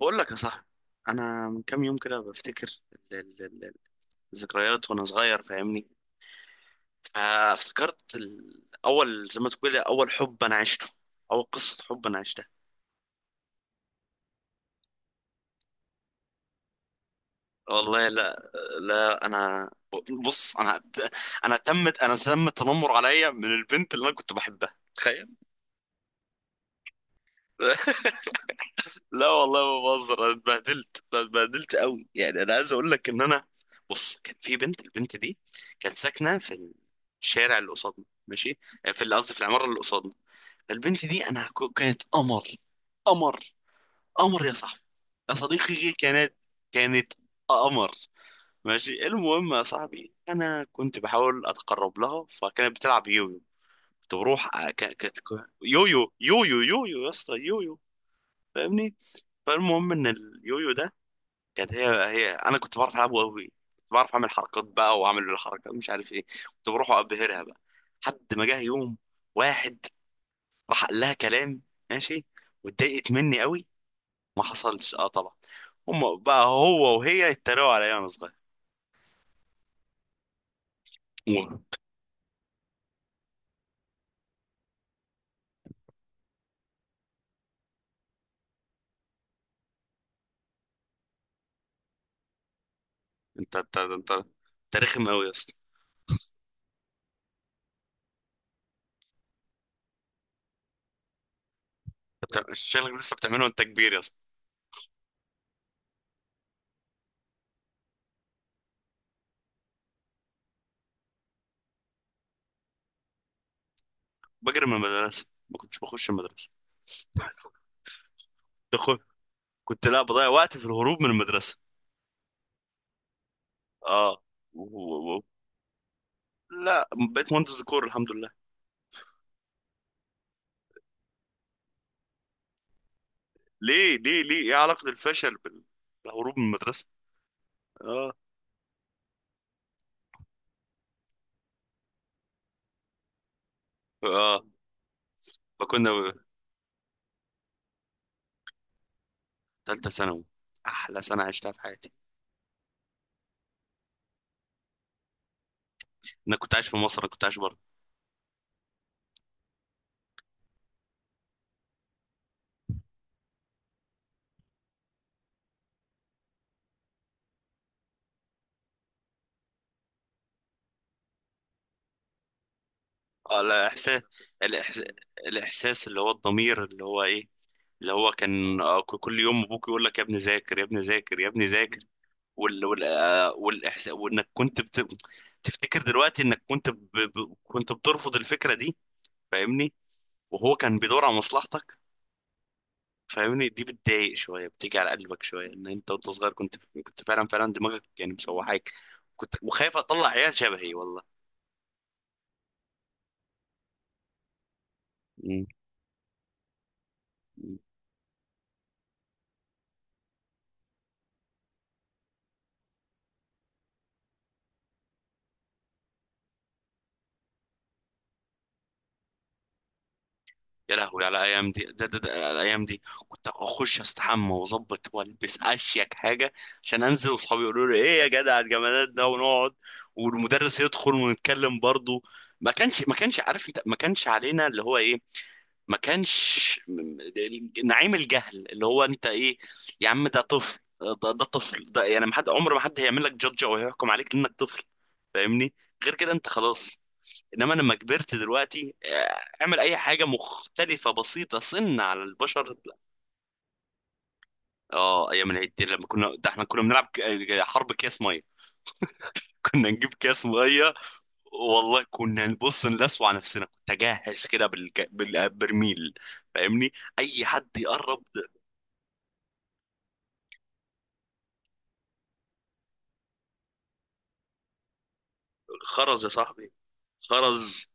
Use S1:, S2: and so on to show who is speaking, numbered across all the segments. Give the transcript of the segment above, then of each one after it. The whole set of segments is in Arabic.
S1: بقول لك يا صاحبي، انا من كام يوم كده بفتكر ال- ال- ال- الذكريات وانا صغير، فاهمني. فافتكرت اول، زي ما تقول، اول حب انا عشته، اول قصة حب انا عشتها. والله لا. لا انا، بص انا، انا تمت انا تم التنمر عليا من البنت اللي انا كنت بحبها، تخيل. لا والله ما بهزر، انا اتبهدلت، انا اتبهدلت قوي، يعني انا عايز اقول لك ان انا، بص كان في بنت. البنت دي كانت ساكنه في الشارع اللي قصادنا، ماشي. في، اللي قصدي في العماره اللي قصادنا. البنت دي انا كانت قمر. قمر، قمر يا صاحبي، يا صديقي، كانت، كانت قمر. ماشي، المهم يا صاحبي انا كنت بحاول اتقرب لها، فكانت بتلعب يويو. كنت بروح كانت، يويو يويو يويو يا اسطى يويو، فاهمني. فالمهم ان اليويو ده، كانت هي انا كنت بعرف العبه قوي، كنت بعرف اعمل حركات بقى واعمل الحركه مش عارف ايه، كنت بروح ابهرها بقى. حد ما جه يوم، واحد راح قال لها كلام، ماشي، واتضايقت مني قوي. ما حصلش، اه طبعا. هم بقى هو وهي يتريقوا عليا وانا صغير. أوه. انت رخم قوي يا اسطى. شكلك لسه بتعمله وانت كبير يا اسطى. بجري من المدرسه، ما كنتش بخش المدرسه. دخل. كنت، لا، بضيع وقتي في الهروب من المدرسه. اه. و- و- لا، بقيت مهندس ديكور الحمد لله. ليه ايه علاقة الفشل بالهروب من المدرسة؟ اه. اه، فكنا ثالثة ثانوي، احلى سنة عشتها في حياتي. انا كنت عايش في مصر، انا كنت عايش بره. اه، لا، احساس، الإحس... الاحساس اللي هو الضمير، اللي هو ايه، اللي هو كان، كل يوم ابوك يقول لك يا ابني ذاكر يا ابني ذاكر يا ابني ذاكر. والاحساس، وانك كنت تفتكر دلوقتي انك كنت كنت بترفض الفكرة دي، فاهمني. وهو كان بيدور على مصلحتك، فاهمني. دي بتضايق شويه، بتيجي على قلبك شويه، ان انت وانت صغير كنت، كنت فعلا دماغك يعني مسوحاك، كنت وخايف اطلع عيال شبهي والله. مم. يا لهوي على الايام دي، ده على الايام دي. كنت اخش استحمى واظبط والبس اشيك حاجه عشان انزل واصحابي يقولوا لي ايه يا جدع، الجمالات ده، ونقعد والمدرس يدخل ونتكلم برضه. ما كانش عارف، انت ما كانش علينا اللي هو ايه، ما كانش نعيم الجهل اللي هو انت ايه. يا عم ده طفل ده, ده طفل ده يعني، ما حد عمر، ما حد هيعمل لك جادج او هيحكم عليك لانك طفل، فاهمني. غير كده انت خلاص. انما لما كبرت دلوقتي، اعمل اي حاجه مختلفه بسيطه سن على البشر لا. اه، ايام العيد دي لما كنا، ده احنا كنا بنلعب حرب كاس ميه. كنا نجيب كاس ميه والله، كنا نبص نلسوع نفسنا، كنت اجهز كده بالبرميل، فاهمني، اي حد يقرب. خرز يا صاحبي. خرز.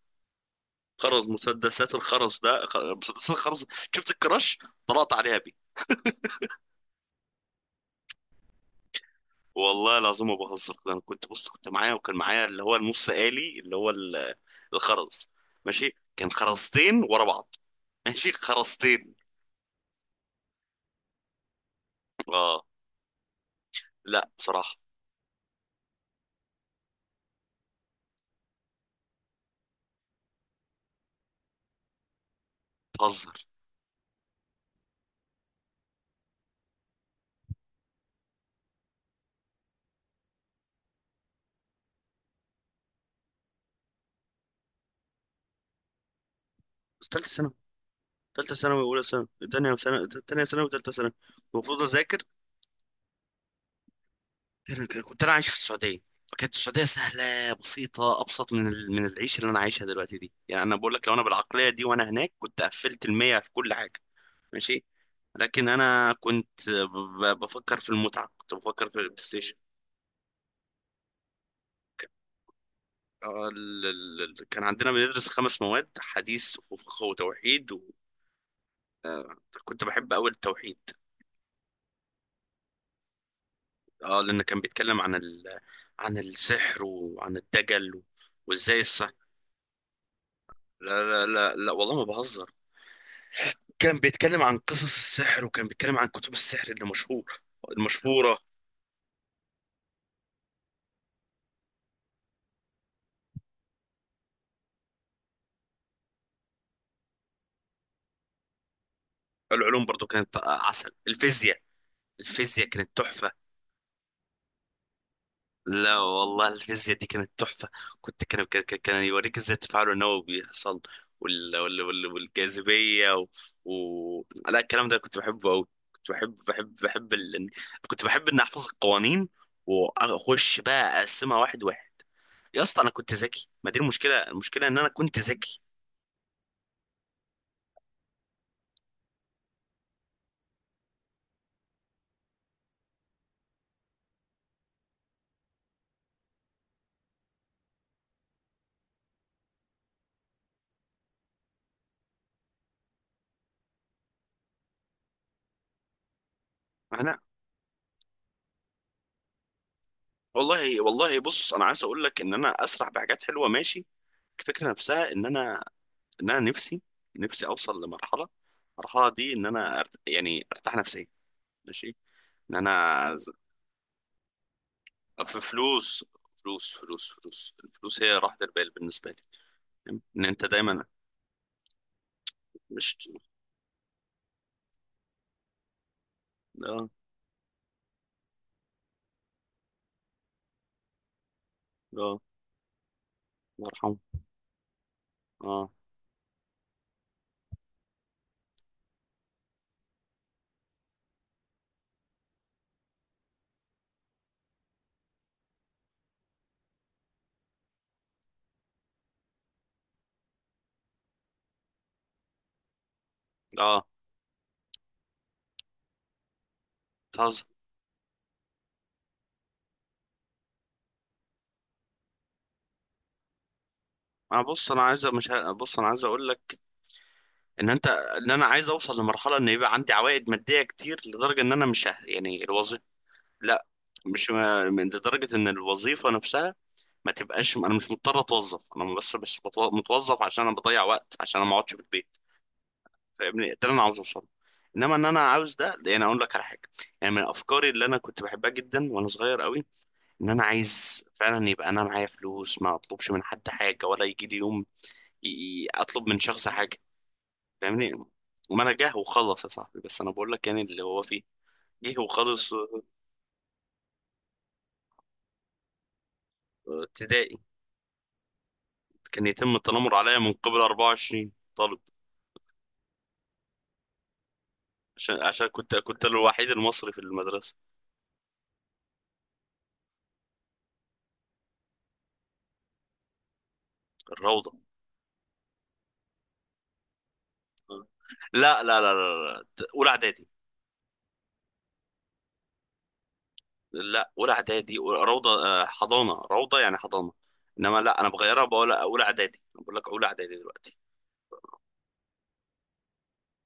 S1: خرز، مسدسات الخرز ده مسدسات الخرز. شفت الكراش، طلعت عليها بيه. والله العظيم ما بهزر، انا كنت، بص كنت معايا، وكان معايا اللي هو النص آلي، اللي هو الخرز، ماشي. كان خرزتين ورا بعض، ماشي، خرزتين. اه لا بصراحة. بتهزر. ثالثة ثانوي، ثالثة ثانوي، أولى ثانوي، ثانية ثانوي ثالثة ثانوي، المفروض أذاكر. كنت انا عايش في السعوديه. فكانت السعوديه سهله بسيطه، ابسط من من العيشه اللي انا عايشها دلوقتي دي، يعني انا بقول لك لو انا بالعقليه دي وانا هناك كنت قفلت المية في كل حاجه، ماشي. لكن انا كنت بفكر في المتعه، كنت بفكر في البلاي ستيشن. كان عندنا بندرس خمس مواد: حديث وفقه وتوحيد. وكنت بحب اول التوحيد، اه، لان كان بيتكلم عن عن السحر وعن الدجل و... وازاي السحر. لا لا لا, لا والله ما بهزر، كان بيتكلم عن قصص السحر، وكان بيتكلم عن كتب السحر اللي مشهور، المشهورة. العلوم برضو كانت عسل، الفيزياء. الفيزياء كانت تحفة. لا والله الفيزياء دي كانت تحفة. كنت، كان يوريك ازاي التفاعل النووي بيحصل، والجاذبية و... و... لا الكلام ده كنت بحبه أوي. كنت بحب كنت بحب إني أحفظ القوانين، وأخش بقى أقسمها واحد واحد. يا اسطى أنا كنت ذكي، ما دي المشكلة، المشكلة إن أنا كنت ذكي. انا. والله والله بص انا عايز اقول لك ان انا اسرح بحاجات حلوه، ماشي. الفكره نفسها ان انا، ان انا نفسي، نفسي اوصل لمرحله، المرحله دي ان انا يعني ارتاح نفسيا، ماشي. ان انا ز- في فلوس، فلوس الفلوس هي راحه البال بالنسبه لي. فاهم؟ ان انت دايما مش. لا. لا الله يرحمه. اه اه بتهزر. انا بص انا عايز مش ه... بص انا عايز اقول لك ان انت، ان انا عايز اوصل لمرحله ان يبقى عندي عوائد ماديه كتير، لدرجه ان انا مش ه... يعني الوظيفه، لا، مش ما- من لدرجة ان الوظيفة نفسها ما تبقاش، انا مش مضطر اتوظف، انا بس متوظف عشان انا بضيع وقت، عشان انا ما اقعدش في البيت، فاهمني. ده اللي انا عاوز اوصله. انما ان انا عاوز ده، يعني اقول لك على حاجه، يعني من افكاري اللي انا كنت بحبها جدا وانا صغير قوي، ان انا عايز فعلا يبقى انا معايا فلوس، ما اطلبش من حد حاجه، ولا يجي لي يوم اطلب من شخص حاجه، فاهمني. ما انا جه وخلص يا صاحبي، بس انا بقول لك يعني اللي هو فيه. جه وخلص. ابتدائي كان يتم التنمر عليا من قبل 24 طالب، عشان كنت أنا الوحيد المصري في المدرسة. الروضة. لا لا لا لا, لا. أولى إعدادي. لا، أولى إعدادي روضة، حضانة، روضة يعني حضانة. إنما لا، أنا بغيرها، بقول أولى إعدادي، أنا بقول لك أولى إعدادي دلوقتي.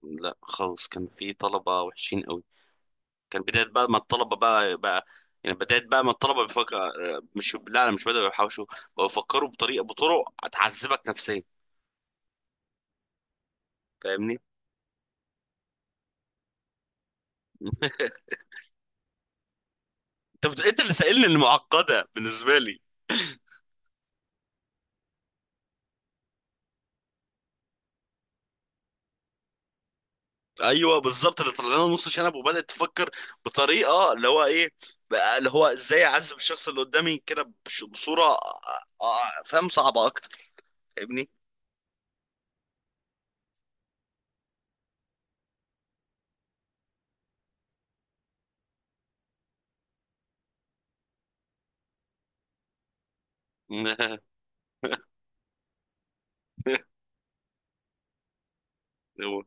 S1: لا خالص، كان في طلبة وحشين قوي. كان بداية بقى ما الطلبة بقى يعني بداية بقى ما الطلبة بيفكر. مش لا أنا مش بدأوا يحوشوا، بقوا يفكروا بطريقة، بطرق هتعذبك نفسيا، فاهمني. انت انت اللي سائلني المعقده بالنسبه لي. ايوه بالظبط اللي طلع لنا نص شنب، وبدات تفكر بطريقه، اللي هو ايه، بقى اللي هو ازاي اعذب الشخص اللي قدامي كده بصوره، فاهم، صعبه اكتر، فاهمني. هو-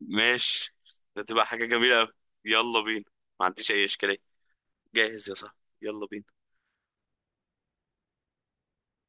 S1: ماشي، هتبقى حاجه جميله قوي. يلا بينا، ما عنديش اي اشكاليه. جاهز يا صاحبي، يلا بينا.